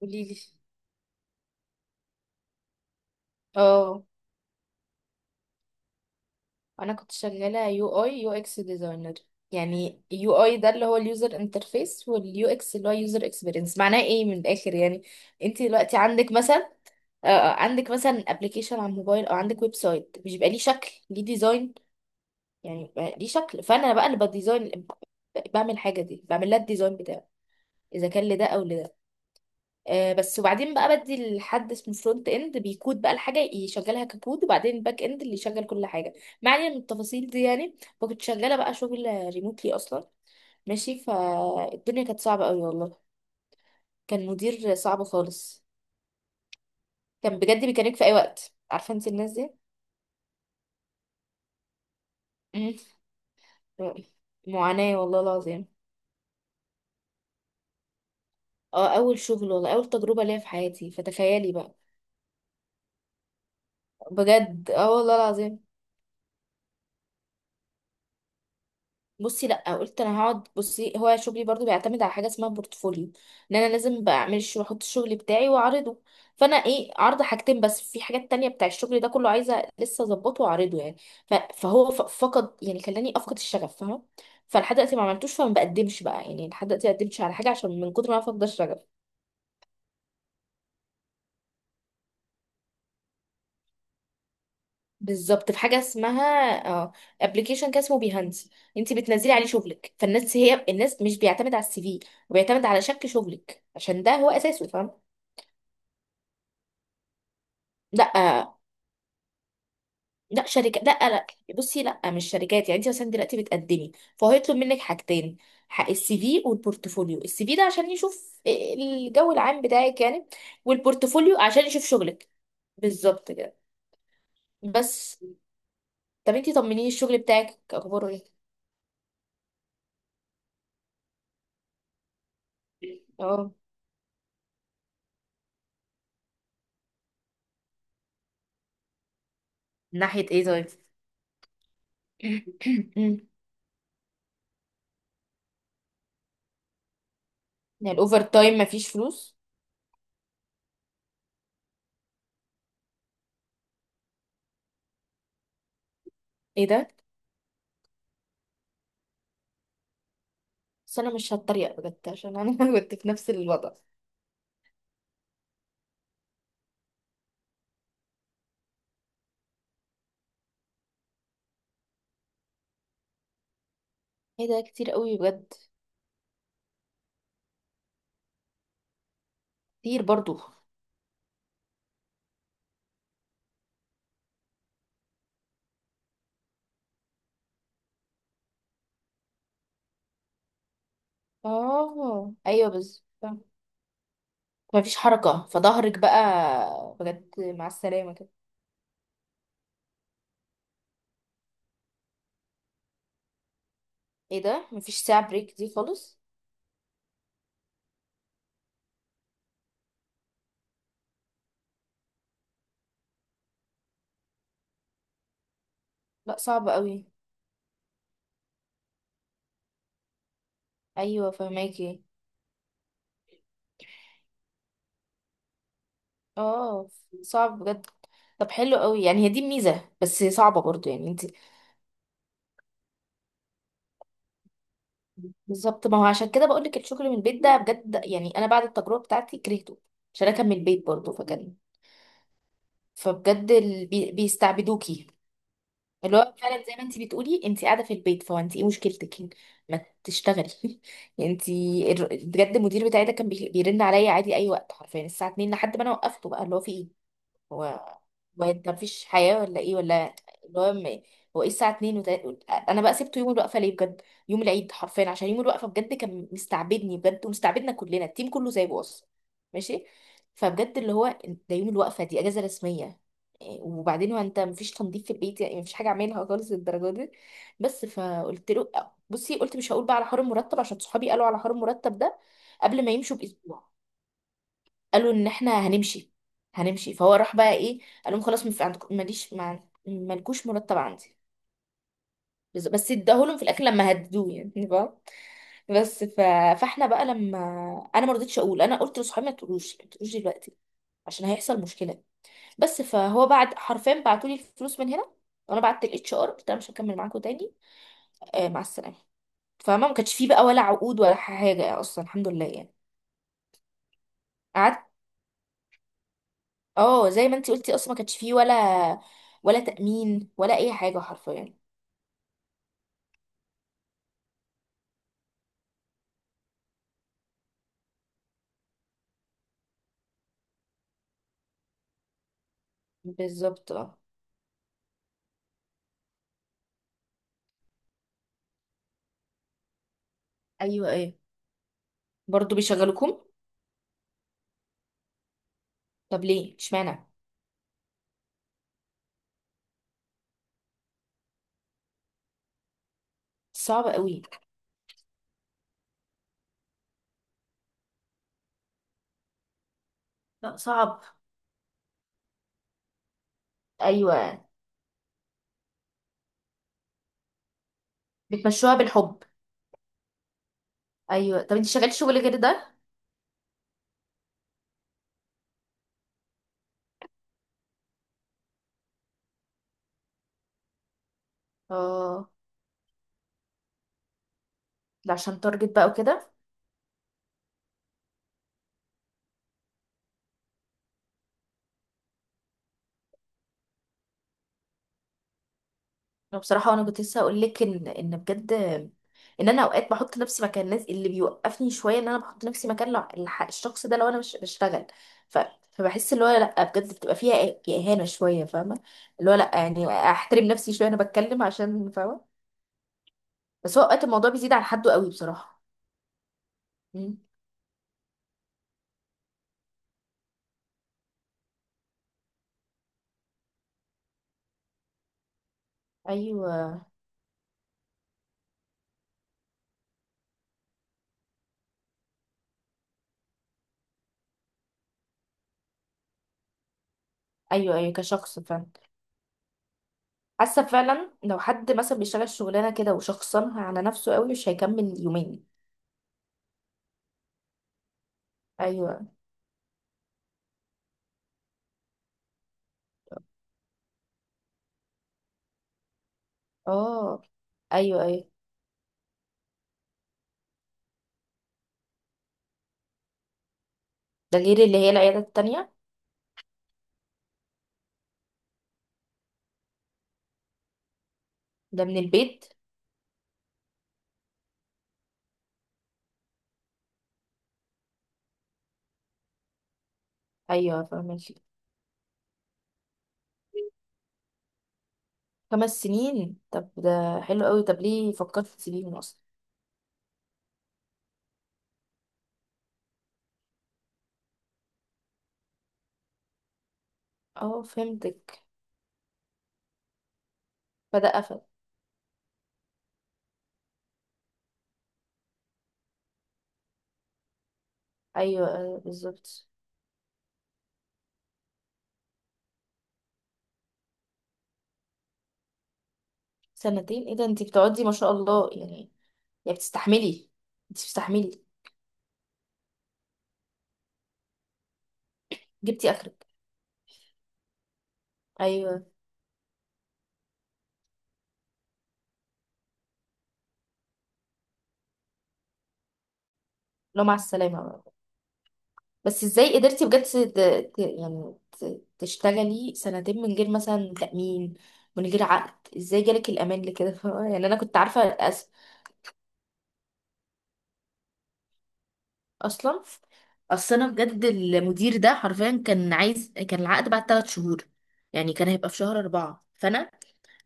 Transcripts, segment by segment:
قولي لي. اه، انا كنت شغاله يو اي يو اكس ديزاينر. يعني يو اي ده اللي هو اليوزر انترفيس، واليو اكس اللي هو يوزر اكسبيرينس، معناه ايه من الاخر يعني. انت دلوقتي عندك مثلا عندك مثلا ابلكيشن على الموبايل او عندك ويب سايت، مش بيبقى ليه شكل، ليه ديزاين؟ يعني بيبقى ليه شكل، فانا بقى اللي بديزاين، بعمل حاجه دي، بعمل لها الديزاين بتاعه، اذا كان لده او لده. آه، بس وبعدين بقى بدي لحد اسمه فرونت اند، بيكود بقى الحاجه يشغلها ككود، وبعدين الباك اند اللي يشغل كل حاجه. ما علينا من التفاصيل دي يعني. فكنت شغاله بقى شغل ريموتلي اصلا. ماشي، فالدنيا كانت صعبه قوي والله. كان مدير صعب خالص. كان بجد بيكلمك في اي وقت، عارفه انت الناس دي. مم. معاناه والله العظيم. اه اول شغل والله، اول تجربه ليا في حياتي، فتخيلي بقى. بجد اه والله العظيم. بصي لا، قلت انا هقعد، بصي هو شغلي برضو بيعتمد على حاجه اسمها بورتفوليو. ان انا لازم بعمل واحط الشغل بتاعي واعرضه. فانا ايه، عرض حاجتين بس، في حاجات تانية بتاع الشغل ده كله عايزه لسه اظبطه واعرضه يعني. فقد يعني خلاني افقد الشغف فاهمه. فلحد دلوقتي ما عملتوش، فما بقدمش بقى، يعني لحد دلوقتي ما قدمتش على حاجه عشان من كتر ما انا فاقده الشغف. بالظبط، في حاجه اسمها، اه، ابلكيشن كان اسمه بيهانس. انت بتنزلي عليه شغلك، فالناس هي الناس، مش بيعتمد على السي في، وبيعتمد على شكل شغلك عشان ده هو اساسه فاهمه. لا. لا شركة، لا لا. بصي لا، مش شركات. يعني انت مثلا دلوقتي بتقدمي، فهو يطلب منك حاجتين. حق السي في والبورتفوليو. السي في ده عشان يشوف الجو العام بتاعك يعني، والبورتفوليو عشان يشوف شغلك. بالظبط كده. بس. طب انت طمنيني، الشغل بتاعك اخباره ايه؟ اه. من ناحية ايه طيب؟ يعني الاوفر تايم مفيش فلوس. ايه ده؟ بس انا مش هتريق بجد عشان انا كنت في نفس الوضع. ايه ده كتير قوي بجد. كتير برضو. اه ايوه، بس مفيش حركة، فظهرك بقى بجد مع السلامة كده. ايه ده، مفيش ساعة بريك دي خالص؟ لا صعب قوي. ايوه فهماكي. اه. صعب بجد. طب حلو قوي، يعني هي دي الميزة، بس صعبة برضو يعني انت. بالظبط، ما هو عشان كده بقولك الشغل من البيت ده بجد يعني، انا بعد التجربة بتاعتي كرهته عشان انا كان من البيت برضو فكان. فبجد بيستعبدوكي. اللي هو فعلا زي ما انت بتقولي، انت قاعده في البيت، فانت ايه مشكلتك، ما تشتغلي. انت بجد، المدير بتاعي ده كان بيرن عليا عادي اي وقت، حرفيا الساعه 2 لحد ما انا وقفته بقى اللي هو في ايه. هو هو انت مفيش حياة ولا ايه ولا. اللي هو م- هو ايه الساعة 2، انا بقى سبته يوم الوقفة ليه بجد؟ يوم العيد، حرفيا عشان يوم الوقفة بجد كان مستعبدني بجد ومستعبدنا كلنا، التيم كله سايبه اصلا. ماشي. فبجد اللي هو، ده يوم الوقفة دي اجازة رسمية. إيه، وبعدين هو انت مفيش تنظيف في البيت يعني؟ مفيش حاجة اعملها خالص للدرجة دي. بس فقلت له، بصي، قلت مش هقول بقى على حوار المرتب عشان صحابي قالوا على حوار المرتب ده قبل ما يمشوا باسبوع. قالوا ان احنا هنمشي، فهو راح بقى ايه، قال لهم خلاص، ماليش مالكوش مرتب عندي. بس اداهولهم في الاخر لما هددوه يعني فاهم؟ بس ف... فاحنا بقى لما انا ما رضيتش اقول، انا قلت لصحابي ما تقولوش، ما تقولوش دلوقتي عشان هيحصل مشكله. بس فهو بعد حرفيا بعتولي الفلوس من هنا، وانا بعت الاتش ار قلت انا مش هكمل معاكم تاني. آه مع السلامه. فما ما كانش فيه بقى ولا عقود ولا حاجه اصلا، الحمد لله يعني. اه زي ما انتي قلتي، اصلا ما كانش فيه ولا ولا تأمين ولا اي حاجة حرفيا. بالظبط. اه ايوه ايوه. برضه بيشغلوكم. طب ليه اشمعنى؟ صعب قوي. لا صعب. ايوه بتمشوها بالحب. ايوه. طب انتي شغالة شغل غير ده؟ اه. ده عشان تارجت بقى وكده. انا بصراحه، وانا كنت لسه هقول لك ان بجد، ان انا اوقات بحط نفسي مكان الناس اللي بيوقفني شويه، ان انا بحط نفسي مكان الشخص ده لو انا مش بشتغل. ف فبحس اللي هو لا بجد بتبقى فيها اهانه شويه فاهمه. اللي هو لا يعني احترم نفسي شويه، انا بتكلم عشان فاهمه. بس هو اوقات الموضوع بيزيد عن حده قوي بصراحه. مم. ايوه ايوه. ايوه كشخص فعلا. حاسه فعلا لو حد مثلا بيشتغل شغلانه كده وشخصنها على نفسه قوي مش هيكمل يومين. ايوه. اه. ايوه ايوه. ده غير اللي هي العيادة التانية. ده من البيت. أيوة فاهمك. خمس سنين؟ طب ده حلو قوي، طب ليه فكرت تسيبيهم أصلا؟ اه فهمتك. فده قفل. أيوة آه، بالظبط. سنتين؟ ايه ده، انتي بتقعدي ما شاء الله يعني. يعني بتستحملي. انتي بتستحملي. جبتي آخرك. أيوة. لو مع السلامة بقى. بس ازاي قدرتي بجد يعني تشتغلي سنتين من غير مثلا تأمين، من غير عقد؟ ازاي جالك الأمان لكده يعني أنا كنت عارفة. اصلا. اصل انا بجد المدير ده حرفيا كان عايز، كان العقد بعد ثلاث شهور. يعني كان هيبقى في شهر أربعة، فانا،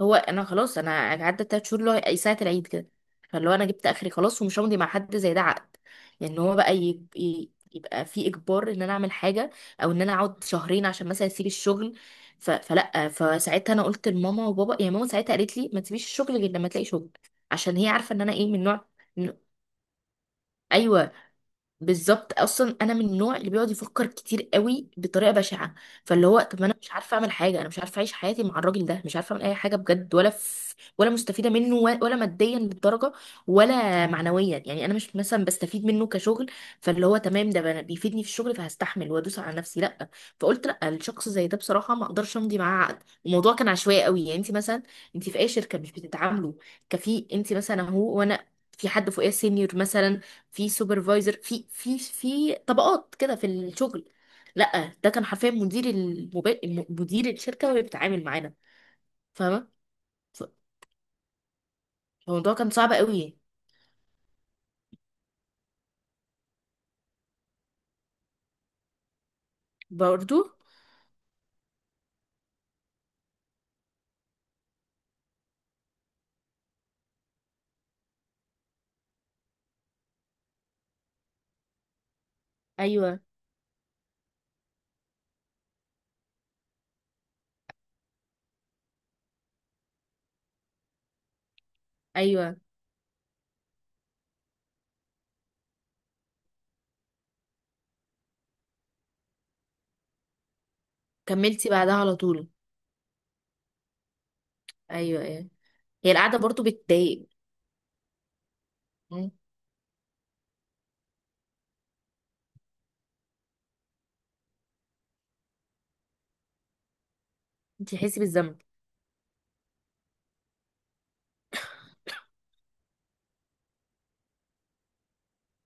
هو انا خلاص انا عدى ثلاث شهور اللي هو أي ساعة العيد كده. فاللي هو انا جبت اخري خلاص ومش همضي مع حد زي ده عقد. يعني هو بقى يبقى في اجبار ان انا اعمل حاجة، او ان انا اقعد شهرين عشان مثلا اسيب الشغل. ف... فلا فساعتها انا قلت لماما وبابا يعني، ماما ساعتها قالت لي ما تسيبيش الشغل غير لما تلاقي شغل، عشان هي عارفة ان انا ايه من نوع. إنه- ايوه. بالظبط، اصلا انا من النوع اللي بيقعد يفكر كتير قوي بطريقه بشعه. فاللي هو طب ما انا مش عارفه اعمل حاجه، انا مش عارفه اعيش حياتي مع الراجل ده، مش عارفه اعمل اي حاجه بجد، ولا في ولا مستفيده منه ولا ماديا للدرجه، ولا معنويا. يعني انا مش مثلا بستفيد منه كشغل. فاللي هو تمام، ده بيفيدني في الشغل فهستحمل وادوس على نفسي، لا. فقلت لا، الشخص زي ده بصراحه ما اقدرش امضي معاه عقد. الموضوع كان عشوائي قوي. يعني انت مثلا، انت في اي شركه مش بتتعاملوا كفي، انت مثلا هو وانا، في حد فوقيه سينيور مثلا، في سوبرفايزر، في طبقات كده في الشغل. لا ده كان حرفيا مدير مدير الشركه وهي بتتعامل معانا فاهمه. ف- الموضوع كان صعب قوي. برضو. ايوه ايوه كملتي بعدها على طول. ايوه ايوه. هي القعده برضو بتضايق. انت تحسي بالذنب.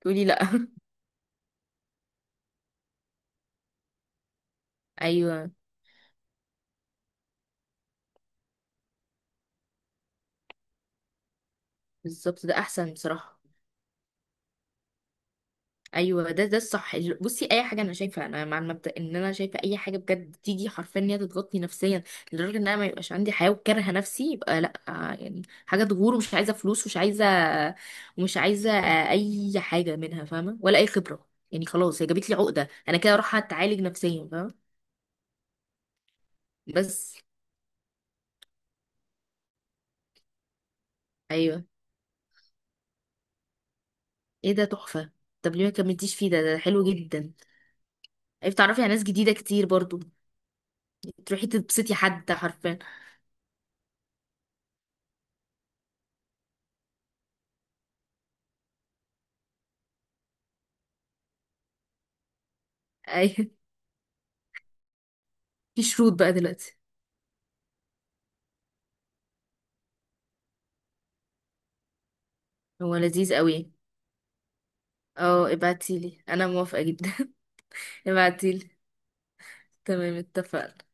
تقولي لا. ايوه بالظبط ده احسن بصراحه. ايوه ده الصح. بصي اي حاجه انا شايفه، انا مع المبدا ان انا شايفه اي حاجه بجد تيجي حرفيا ان هي تضغطني نفسيا لدرجه ان انا ما يبقاش عندي حياه وكارهه نفسي، يبقى لا. آه، يعني حاجه تغور، ومش عايزه فلوس، ومش عايزه، ومش عايزه آه، اي حاجه منها فاهمه، ولا اي خبره. يعني خلاص هي جابت لي عقده، انا كده اروح اتعالج نفسيا فاهمه. بس. ايوه. ايه ده تحفه. طب ليه ما كملتيش فيه؟ ده حلو جدا. عرفت تعرفي على ناس جديده كتير برضو. تروحي تبسطي حد حرفيا. ايوه. في شروط بقى دلوقتي. هو لذيذ قوي. اه، ابعتيلي انا موافقة جدا. ابعتيلي. تمام اتفقنا.